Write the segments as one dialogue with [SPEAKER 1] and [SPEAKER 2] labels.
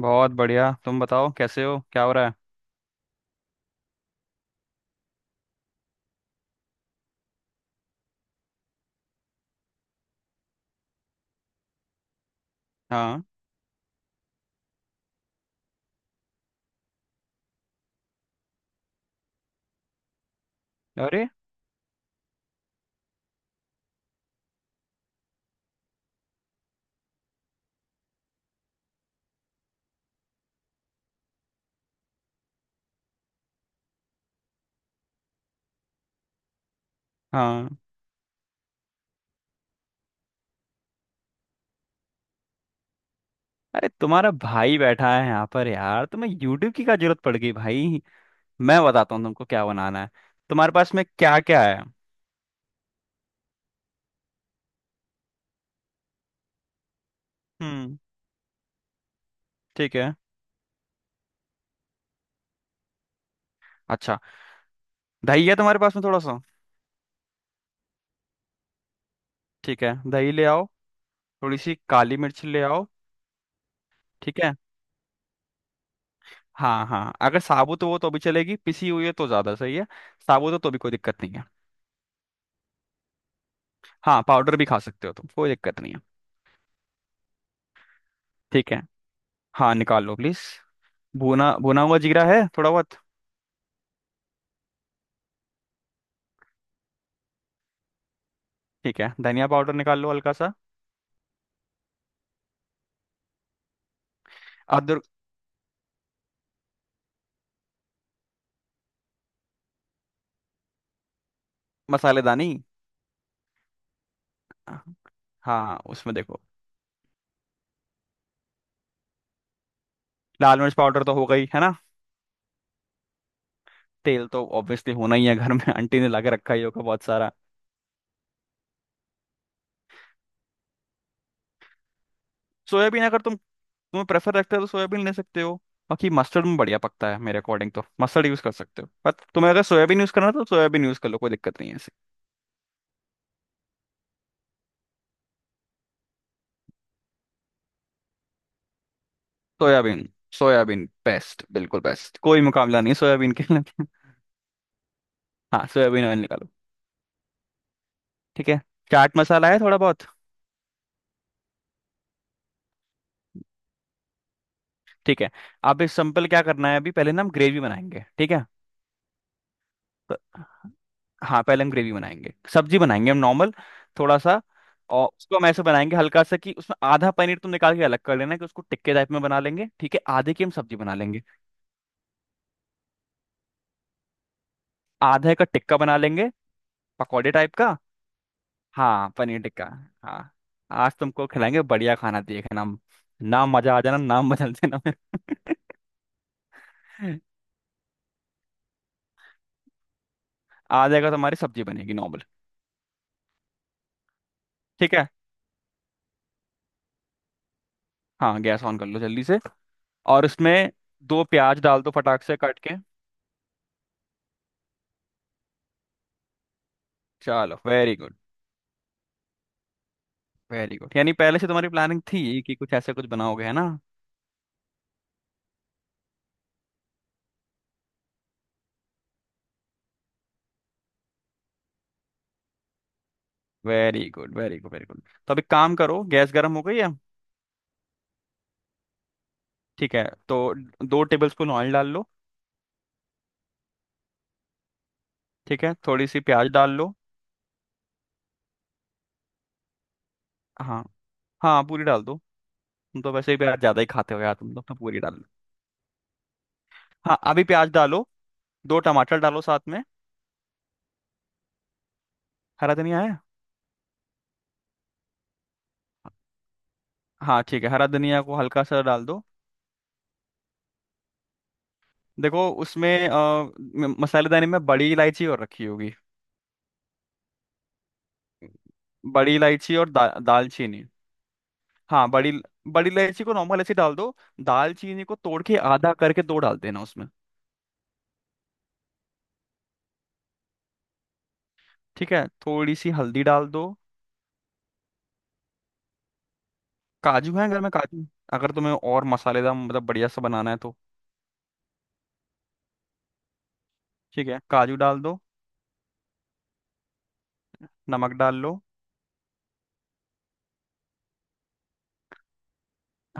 [SPEAKER 1] बहुत बढ़िया। तुम बताओ कैसे हो, क्या हो रहा है? हाँ। अरे। हाँ। अरे, तुम्हारा भाई बैठा है यहाँ पर यार, तुम्हें यूट्यूब की क्या जरूरत पड़ गई भाई? मैं बताता हूँ तुमको क्या बनाना है। तुम्हारे पास में क्या क्या है? हम्म। ठीक है। अच्छा, दही है तुम्हारे पास में थोड़ा सा? ठीक है, दही ले आओ। थोड़ी सी काली मिर्च ले आओ। ठीक है। हाँ हाँ, अगर साबुत हो तो भी चलेगी, पिसी हुई है तो ज्यादा सही है। साबुत हो तो भी कोई दिक्कत नहीं है। हाँ, पाउडर भी खा सकते हो तुम, कोई दिक्कत नहीं है। ठीक है। हाँ, निकाल लो प्लीज। भुना भुना हुआ जीरा है थोड़ा बहुत। ठीक है, धनिया पाउडर निकाल लो हल्का सा। अदरक। मसालेदानी। हाँ उसमें देखो। लाल मिर्च पाउडर तो हो गई है ना? तेल तो ऑब्वियसली होना ही है, घर में आंटी ने ला के रखा ही होगा बहुत सारा। सोयाबीन अगर तुम्हें प्रेफर रखते हो तो सोयाबीन ले सकते हो। बाकी मस्टर्ड में बढ़िया पकता है मेरे अकॉर्डिंग, तो मस्टर्ड यूज कर सकते हो, पर तुम्हें अगर सोयाबीन यूज करना है, तो सोयाबीन यूज कर लो, कोई दिक्कत नहीं है ऐसे। सोयाबीन। सोयाबीन बेस्ट, बिल्कुल बेस्ट, कोई मुकाबला नहीं सोयाबीन के लिए। हाँ, सोयाबीन ऑयल निकालो। ठीक है। चाट मसाला है थोड़ा बहुत? ठीक है। अब इस सिंपल क्या करना है, अभी पहले ना हम ग्रेवी बनाएंगे, ठीक है। तो हाँ, पहले हम ग्रेवी बनाएंगे, सब्जी बनाएंगे हम नॉर्मल। थोड़ा सा। और उसको हम ऐसे बनाएंगे हल्का सा कि उसमें आधा पनीर तुम निकाल के अलग कर लेना, कि उसको टिक्के टाइप में बना लेंगे, ठीक है? आधे की हम सब्जी बना लेंगे। आधे का टिक्का बना लेंगे। पकौड़े टाइप का। हाँ, पनीर टिक्का। हाँ, आज तुमको खिलाएंगे बढ़िया खाना, देखना हम। नाम मजा आ जाना, नाम बदल देना। आधे का तुम्हारी सब्जी बनेगी नॉर्मल। ठीक है। हाँ, गैस ऑन कर लो जल्दी से। और उसमें दो प्याज डाल दो फटाक से कट के। चलो, वेरी गुड। वेरी गुड, यानी पहले से तुम्हारी प्लानिंग थी कि कुछ बनाओगे, है ना? Very good, very good, very good. तो अब एक काम करो, गैस गर्म हो गई है? ठीक है। तो 2 टेबल स्पून ऑयल डाल लो। ठीक है, थोड़ी सी प्याज डाल लो। हाँ हाँ, पूरी डाल दो। तुम तो वैसे ही प्याज ज्यादा ही खाते हो यार तुम तो पूरी डाल लो। हाँ अभी प्याज डालो। दो टमाटर डालो साथ में। हरा धनिया है? हाँ, ठीक है, हरा धनिया को हल्का सा डाल दो। देखो उसमें मसालेदानी में बड़ी इलायची और रखी होगी। बड़ी इलायची और दालचीनी। हाँ, बड़ी। बड़ी इलायची को नॉर्मल ऐसे डाल दो। दालचीनी को तोड़ के आधा करके दो डाल देना उसमें। ठीक है, थोड़ी सी हल्दी डाल दो। काजू है घर में, काजू? अगर तुम्हें और मसालेदार मतलब बढ़िया सा बनाना है तो। ठीक है, काजू डाल दो। नमक डाल लो।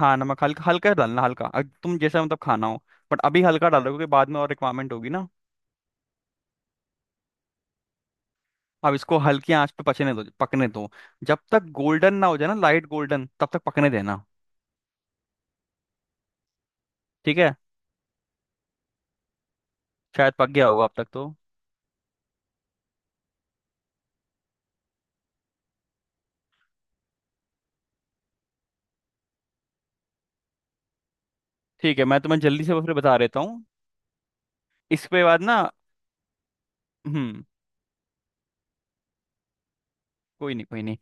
[SPEAKER 1] हाँ, नमक हल्का हल्का डालना, हल्का तुम जैसा मतलब खाना हो। बट अभी हल्का डाल दो क्योंकि बाद में और रिक्वायरमेंट होगी ना। अब इसको हल्की आंच पे पचने दो, पकने दो। जब तक गोल्डन ना हो जाए ना, लाइट गोल्डन, तब तक पकने देना। ठीक है। शायद पक गया होगा अब तक तो। ठीक है, मैं तुम्हें जल्दी से फिर बता देता हूँ। इसके बाद ना। हम्म। कोई नहीं, कोई नहीं।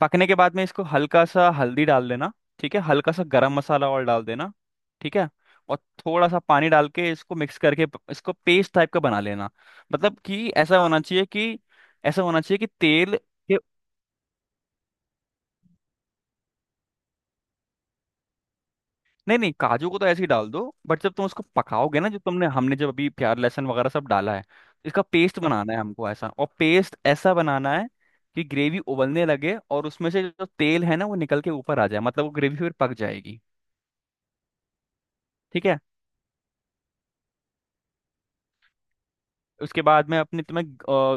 [SPEAKER 1] पकने के बाद में इसको हल्का सा हल्दी डाल देना। ठीक है, हल्का सा गरम मसाला और डाल देना। ठीक है। और थोड़ा सा पानी डाल के इसको मिक्स करके इसको पेस्ट टाइप का बना लेना। मतलब कि ऐसा होना चाहिए कि, ऐसा होना चाहिए कि तेल। नहीं नहीं, काजू को तो ऐसे ही डाल दो, बट जब तुम उसको पकाओगे ना, जो तुमने हमने जब अभी प्याज लहसुन वगैरह सब डाला है, इसका पेस्ट, हाँ, बनाना है हमको ऐसा, और पेस्ट ऐसा बनाना है कि ग्रेवी उबलने लगे और उसमें से जो तेल है ना वो निकल के ऊपर आ जाए, मतलब वो ग्रेवी फिर पक जाएगी। ठीक है। उसके बाद में अपने तुम्हें,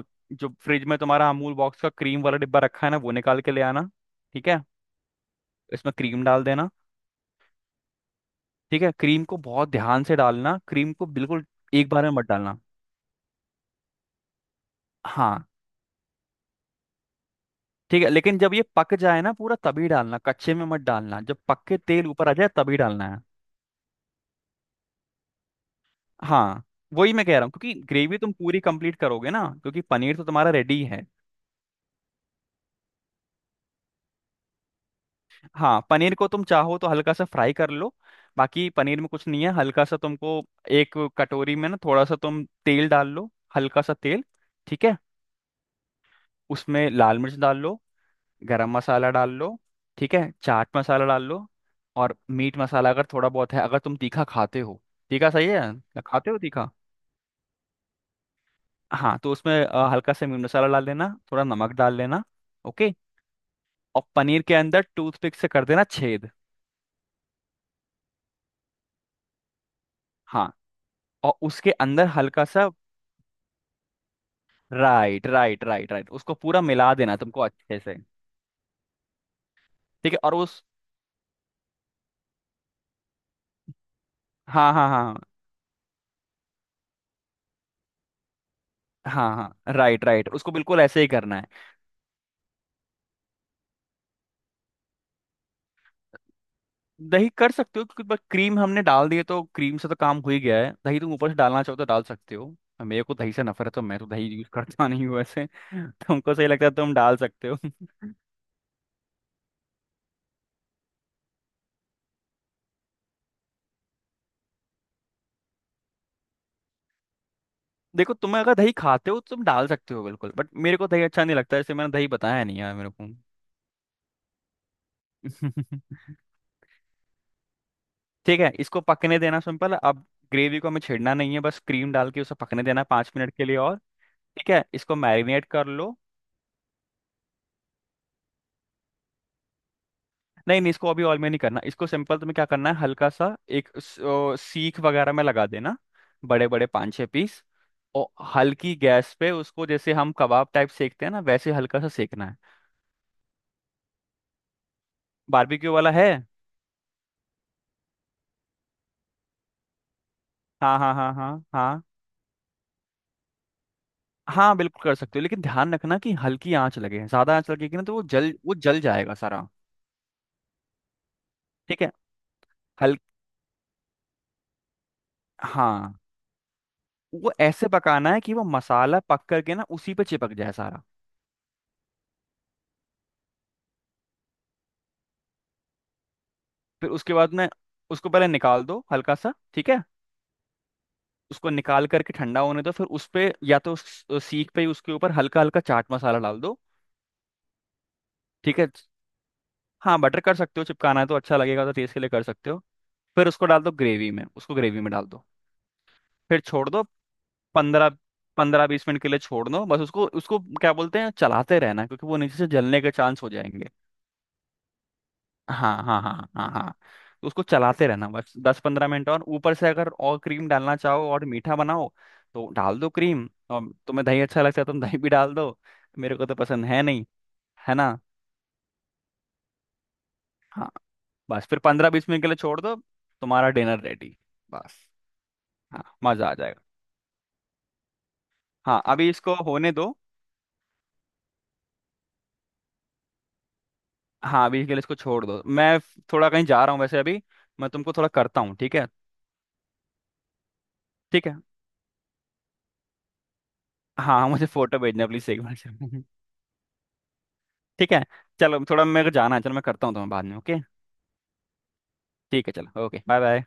[SPEAKER 1] अ, जो फ्रिज में तुम्हारा अमूल बॉक्स का क्रीम वाला डिब्बा रखा है ना, वो निकाल के ले आना। ठीक है। इसमें क्रीम डाल देना। ठीक है, क्रीम को बहुत ध्यान से डालना, क्रीम को बिल्कुल एक बार में मत डालना। हाँ। ठीक है, लेकिन जब ये पक जाए ना पूरा, तभी डालना, कच्चे में मत डालना, जब पक के तेल ऊपर आ जाए तभी डालना है। हाँ, वही मैं कह रहा हूँ, क्योंकि ग्रेवी तुम पूरी कंप्लीट करोगे ना, क्योंकि पनीर तो तुम्हारा रेडी है। हाँ, पनीर को तुम चाहो तो हल्का सा फ्राई कर लो। बाकी पनीर में कुछ नहीं है, हल्का सा तुमको एक कटोरी में ना थोड़ा सा तुम तेल डाल लो, हल्का सा तेल। ठीक है, उसमें लाल मिर्च डाल लो। गरम मसाला डाल लो। ठीक है, चाट मसाला डाल लो। और मीट मसाला अगर थोड़ा बहुत है, अगर तुम तीखा खाते हो। तीखा सही है, या खाते हो तीखा? हाँ, तो उसमें हल्का सा मीट मसाला डाल देना, थोड़ा नमक डाल लेना। ओके। और पनीर के अंदर टूथपिक से कर देना छेद। हाँ, और उसके अंदर हल्का सा। राइट राइट राइट राइट, उसको पूरा मिला देना तुमको अच्छे से। ठीक है, और उस, हाँ हाँ हाँ हाँ हाँ, राइट राइट, उसको बिल्कुल ऐसे ही करना है। दही कर सकते हो, क्योंकि बस क्रीम हमने डाल दिए तो क्रीम से तो काम हो ही गया है, दही तुम ऊपर से डालना चाहो तो डाल सकते हो। मेरे को दही से नफरत है, तो मैं तो दही यूज करता नहीं हूँ वैसे। तुमको सही लगता है तुम डाल सकते हो। देखो, तुम्हें अगर दही खाते हो तो तुम डाल सकते हो बिल्कुल, बट मेरे को दही अच्छा नहीं लगता, इसलिए मैंने दही बताया नहीं यार मेरे को। ठीक है, इसको पकने देना सिंपल अब। ग्रेवी को हमें छेड़ना नहीं है, बस क्रीम डाल के उसे पकने देना 5 मिनट के लिए और। ठीक है, इसको मैरिनेट कर लो। नहीं नहीं, इसको अभी ऑयल में नहीं करना, इसको सिंपल तुम्हें क्या करना है, हल्का सा एक सीख वगैरह में लगा देना। बड़े बड़े पाँच छः पीस। और हल्की गैस पे उसको जैसे हम कबाब टाइप सेकते हैं ना, वैसे हल्का सा सेकना है। बारबेक्यू वाला है? हाँ हाँ हाँ हाँ हाँ, हाँ बिल्कुल कर सकते हो, लेकिन ध्यान रखना कि हल्की आंच लगे, ज्यादा आंच लगेगी ना तो वो जल, वो जल जाएगा सारा। ठीक है। हल हाँ, वो ऐसे पकाना है कि वो मसाला पक करके ना उसी पे चिपक जाए सारा। फिर उसके बाद में उसको पहले निकाल दो हल्का सा, ठीक है। उसको निकाल करके ठंडा होने दो, फिर उस पे, या तो उस सीख पे ही उसके ऊपर हल्का हल्का चाट मसाला डाल दो। ठीक है। हाँ, बटर कर सकते हो, चिपकाना है तो अच्छा लगेगा, तो टेस्ट के लिए कर सकते हो। फिर उसको डाल दो ग्रेवी में, उसको ग्रेवी में डाल दो। फिर छोड़ दो। पंद्रह पंद्रह बीस मिनट के लिए छोड़ दो बस, उसको, उसको क्या बोलते हैं, चलाते रहना, क्योंकि वो नीचे से जलने के चांस हो जाएंगे। हाँ हाँ हाँ हाँ हाँ हाँ। तो उसको चलाते रहना बस, दस पंद्रह मिनट, और ऊपर से अगर और क्रीम डालना चाहो और मीठा बनाओ तो डाल दो क्रीम, और तुम्हें दही अच्छा लगता है तो तुम दही भी डाल दो। मेरे को तो पसंद है नहीं, है ना। हाँ, बस फिर पंद्रह बीस मिनट के लिए छोड़ दो, तुम्हारा डिनर रेडी। बस, हाँ, मजा आ जाएगा। हाँ, अभी इसको होने दो। हाँ, अभी के लिए इसको छोड़ दो, मैं थोड़ा कहीं जा रहा हूँ वैसे अभी। मैं तुमको थोड़ा करता हूँ, ठीक है। ठीक है, हाँ हाँ, मुझे फोटो भेजना प्लीज एक बार। ठीक है। चलो थोड़ा मेरे को जाना है, चलो मैं करता हूँ तुम्हें बाद में, ओके। ठीक है, चलो, ओके, बाय बाय।